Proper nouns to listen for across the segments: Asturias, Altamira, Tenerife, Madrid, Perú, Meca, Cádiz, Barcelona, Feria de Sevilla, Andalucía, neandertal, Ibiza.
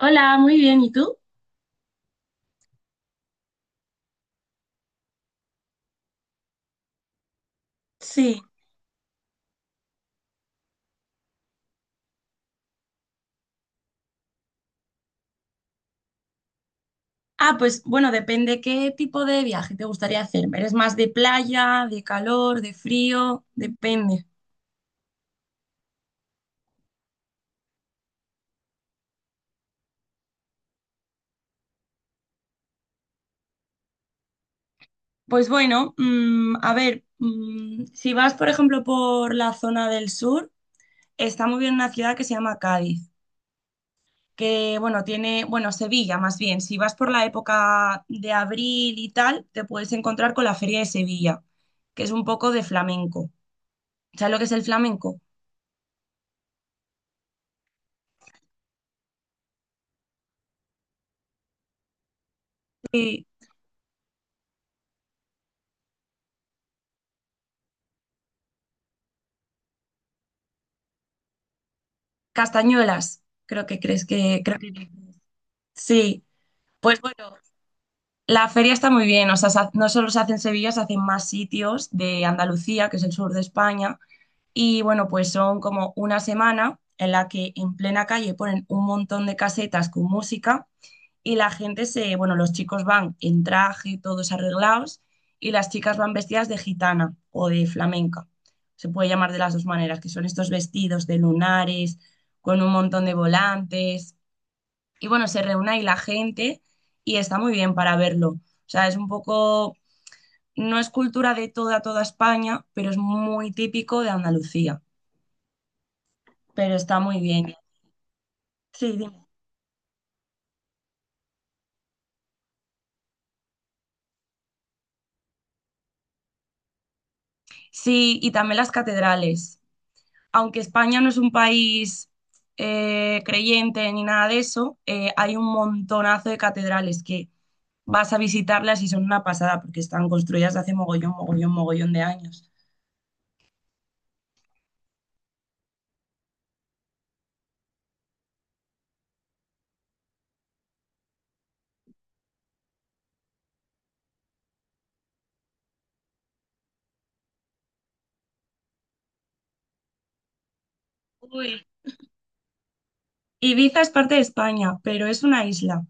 Hola, muy bien. ¿Y tú? Sí. Ah, pues bueno, depende qué tipo de viaje te gustaría hacer. ¿Eres más de playa, de calor, de frío? Depende. Pues bueno, a ver, si vas, por ejemplo, por la zona del sur, está muy bien una ciudad que se llama Cádiz, que bueno, tiene, bueno, Sevilla más bien. Si vas por la época de abril y tal, te puedes encontrar con la Feria de Sevilla, que es un poco de flamenco. ¿Sabes lo que es el flamenco? Sí. Castañuelas, creo que sí. Pues bueno, la feria está muy bien, o sea, no solo se hace en Sevilla, se hacen más sitios de Andalucía, que es el sur de España, y bueno, pues son como una semana en la que en plena calle ponen un montón de casetas con música y la gente se, bueno, los chicos van en traje, todos arreglados, y las chicas van vestidas de gitana o de flamenca. Se puede llamar de las dos maneras, que son estos vestidos de lunares, con un montón de volantes. Y bueno, se reúne ahí la gente y está muy bien para verlo. O sea, es un poco, no es cultura de toda, toda España, pero es muy típico de Andalucía. Pero está muy bien. Sí, dime. Sí, y también las catedrales, aunque España no es un país creyente ni nada de eso. Hay un montonazo de catedrales que vas a visitarlas y son una pasada porque están construidas hace mogollón, mogollón, mogollón de años. Uy, Ibiza es parte de España, pero es una isla. O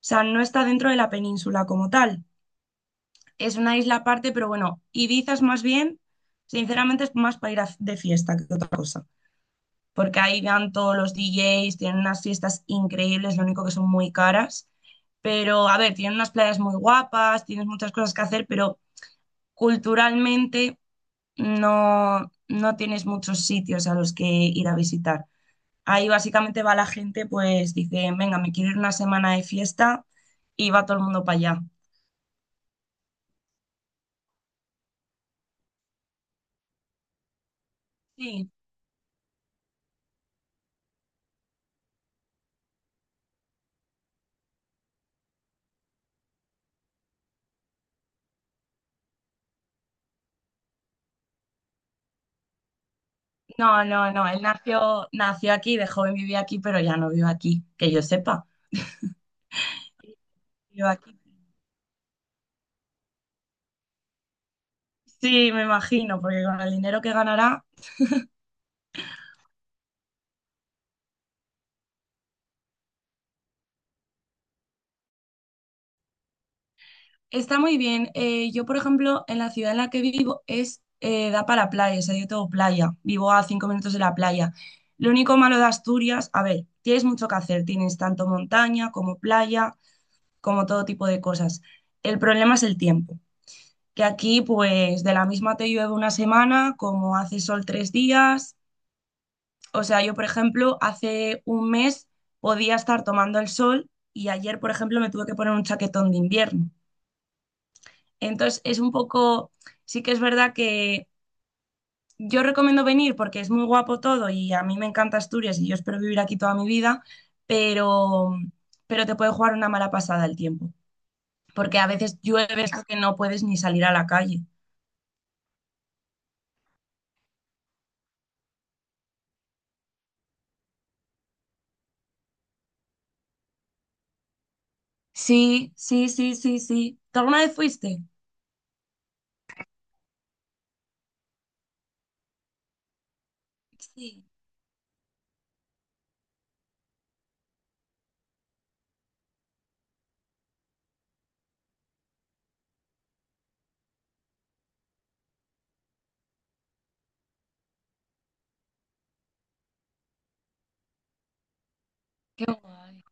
sea, no está dentro de la península como tal. Es una isla aparte, pero bueno, Ibiza es más bien, sinceramente, es más para de fiesta que otra cosa, porque ahí van todos los DJs, tienen unas fiestas increíbles, lo único que son muy caras. Pero, a ver, tienen unas playas muy guapas, tienes muchas cosas que hacer, pero culturalmente no tienes muchos sitios a los que ir a visitar. Ahí básicamente va la gente, pues dice, venga, me quiero ir una semana de fiesta y va todo el mundo para allá. Sí, no, no, no, él nació aquí, de joven vivía aquí, pero ya no vive aquí, que yo sepa. Vive aquí. Sí, me imagino, porque con el dinero que ganará está muy bien. Yo, por ejemplo, en la ciudad en la que vivo es da para playa, o sea, yo tengo playa, vivo a 5 minutos de la playa. Lo único malo de Asturias, a ver, tienes mucho que hacer, tienes tanto montaña como playa, como todo tipo de cosas. El problema es el tiempo, que aquí, pues, de la misma te llueve una semana, como hace sol 3 días. O sea, yo, por ejemplo, hace un mes podía estar tomando el sol y ayer, por ejemplo, me tuve que poner un chaquetón de invierno. Entonces, es un poco, sí que es verdad que yo recomiendo venir porque es muy guapo todo y a mí me encanta Asturias y yo espero vivir aquí toda mi vida, pero, pero te puede jugar una mala pasada el tiempo, porque a veces llueve esto que no puedes ni salir a la calle. Sí, sí, sí, sí, sí. ¿Tú alguna vez fuiste? Sí, qué guay.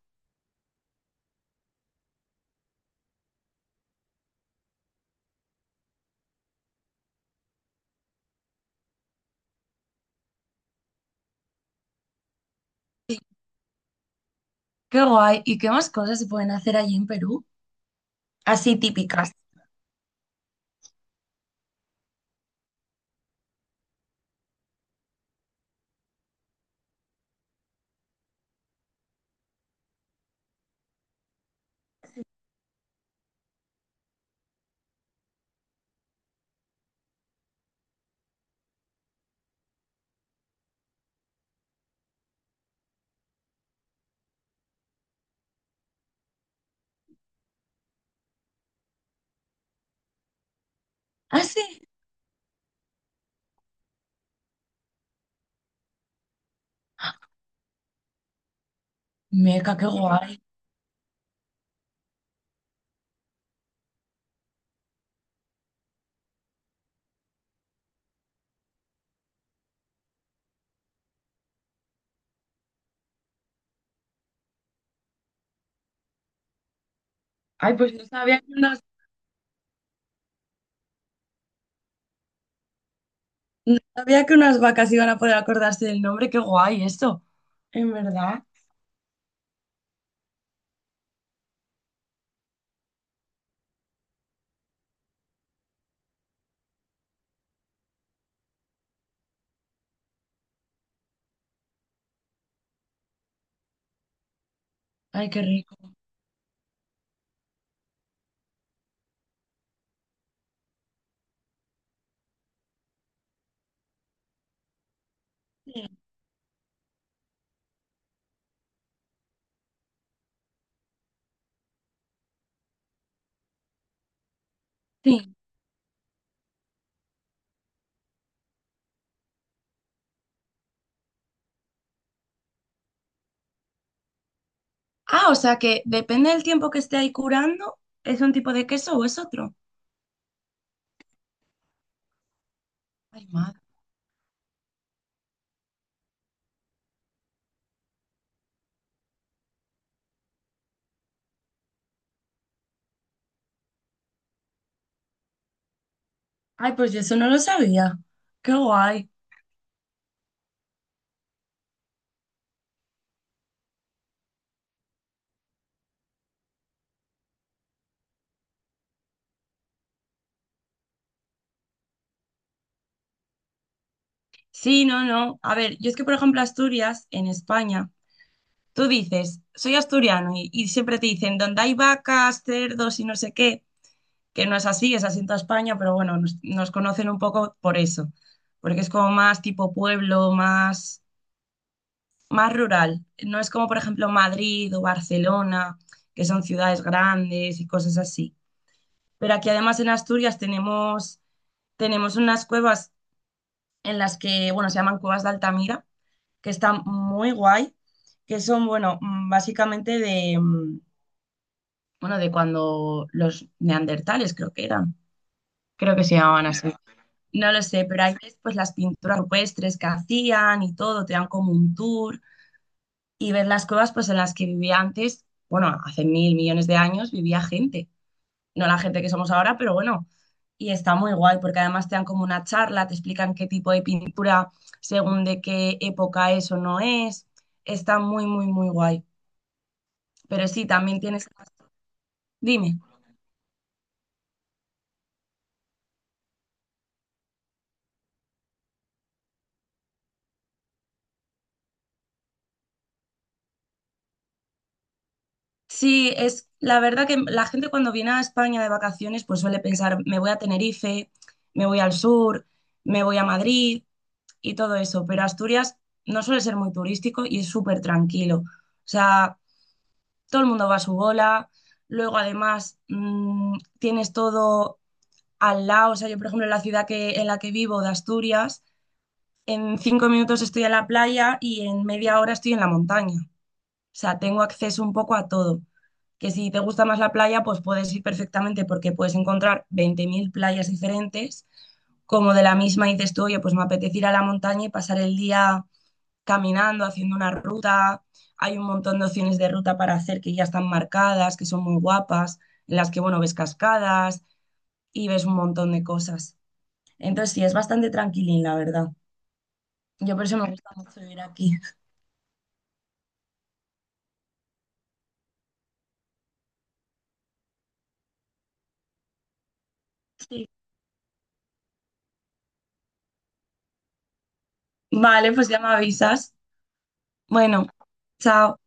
Qué guay. ¿Y qué más cosas se pueden hacer allí en Perú? Así típicas. Ah, sí. Meca, qué guay. Ay, pues no sabía que unas, no sabía que unas vacas iban a poder acordarse del nombre. Qué guay eso. En verdad. Ay, qué rico. Sí. Sí. Ah, o sea que depende del tiempo que esté ahí curando, ¿es un tipo de queso o es otro? Ay, madre. Ay, pues yo eso no lo sabía. Qué guay. Sí, no, no. A ver, yo es que, por ejemplo, Asturias, en España, tú dices, soy asturiano y siempre te dicen, donde hay vacas, cerdos y no sé qué, que no es así, es así en toda España, pero bueno, nos conocen un poco por eso, porque es como más tipo pueblo, más, más rural. No es como, por ejemplo, Madrid o Barcelona, que son ciudades grandes y cosas así. Pero aquí además en Asturias tenemos unas cuevas en las que, bueno, se llaman cuevas de Altamira, que están muy guay, que son, bueno, básicamente de, bueno, de cuando los neandertales creo que eran, creo que se llamaban así. No lo sé, pero ahí ves pues las pinturas rupestres que hacían y todo, te dan como un tour y ver las cuevas pues en las que vivía antes, bueno, hace mil millones de años vivía gente, no la gente que somos ahora, pero bueno, y está muy guay porque además te dan como una charla, te explican qué tipo de pintura según de qué época eso no es, está muy, muy, muy guay. Pero sí, también tienes... Dime. Sí, es la verdad que la gente cuando viene a España de vacaciones pues suele pensar, me voy a Tenerife, me voy al sur, me voy a Madrid y todo eso, pero Asturias no suele ser muy turístico y es súper tranquilo. O sea, todo el mundo va a su bola, luego además tienes todo al lado, o sea, yo por ejemplo en la ciudad en la que vivo de Asturias, en 5 minutos estoy en la playa y en media hora estoy en la montaña. O sea, tengo acceso un poco a todo. Que si te gusta más la playa, pues puedes ir perfectamente porque puedes encontrar 20.000 playas diferentes. Como de la misma dices tú, oye, pues me apetece ir a la montaña y pasar el día caminando, haciendo una ruta. Hay un montón de opciones de ruta para hacer que ya están marcadas, que son muy guapas, en las que, bueno, ves cascadas y ves un montón de cosas. Entonces, sí, es bastante tranquilín, la verdad. Yo por eso me gusta mucho vivir aquí. Sí. Vale, pues ya me avisas. Bueno, chao.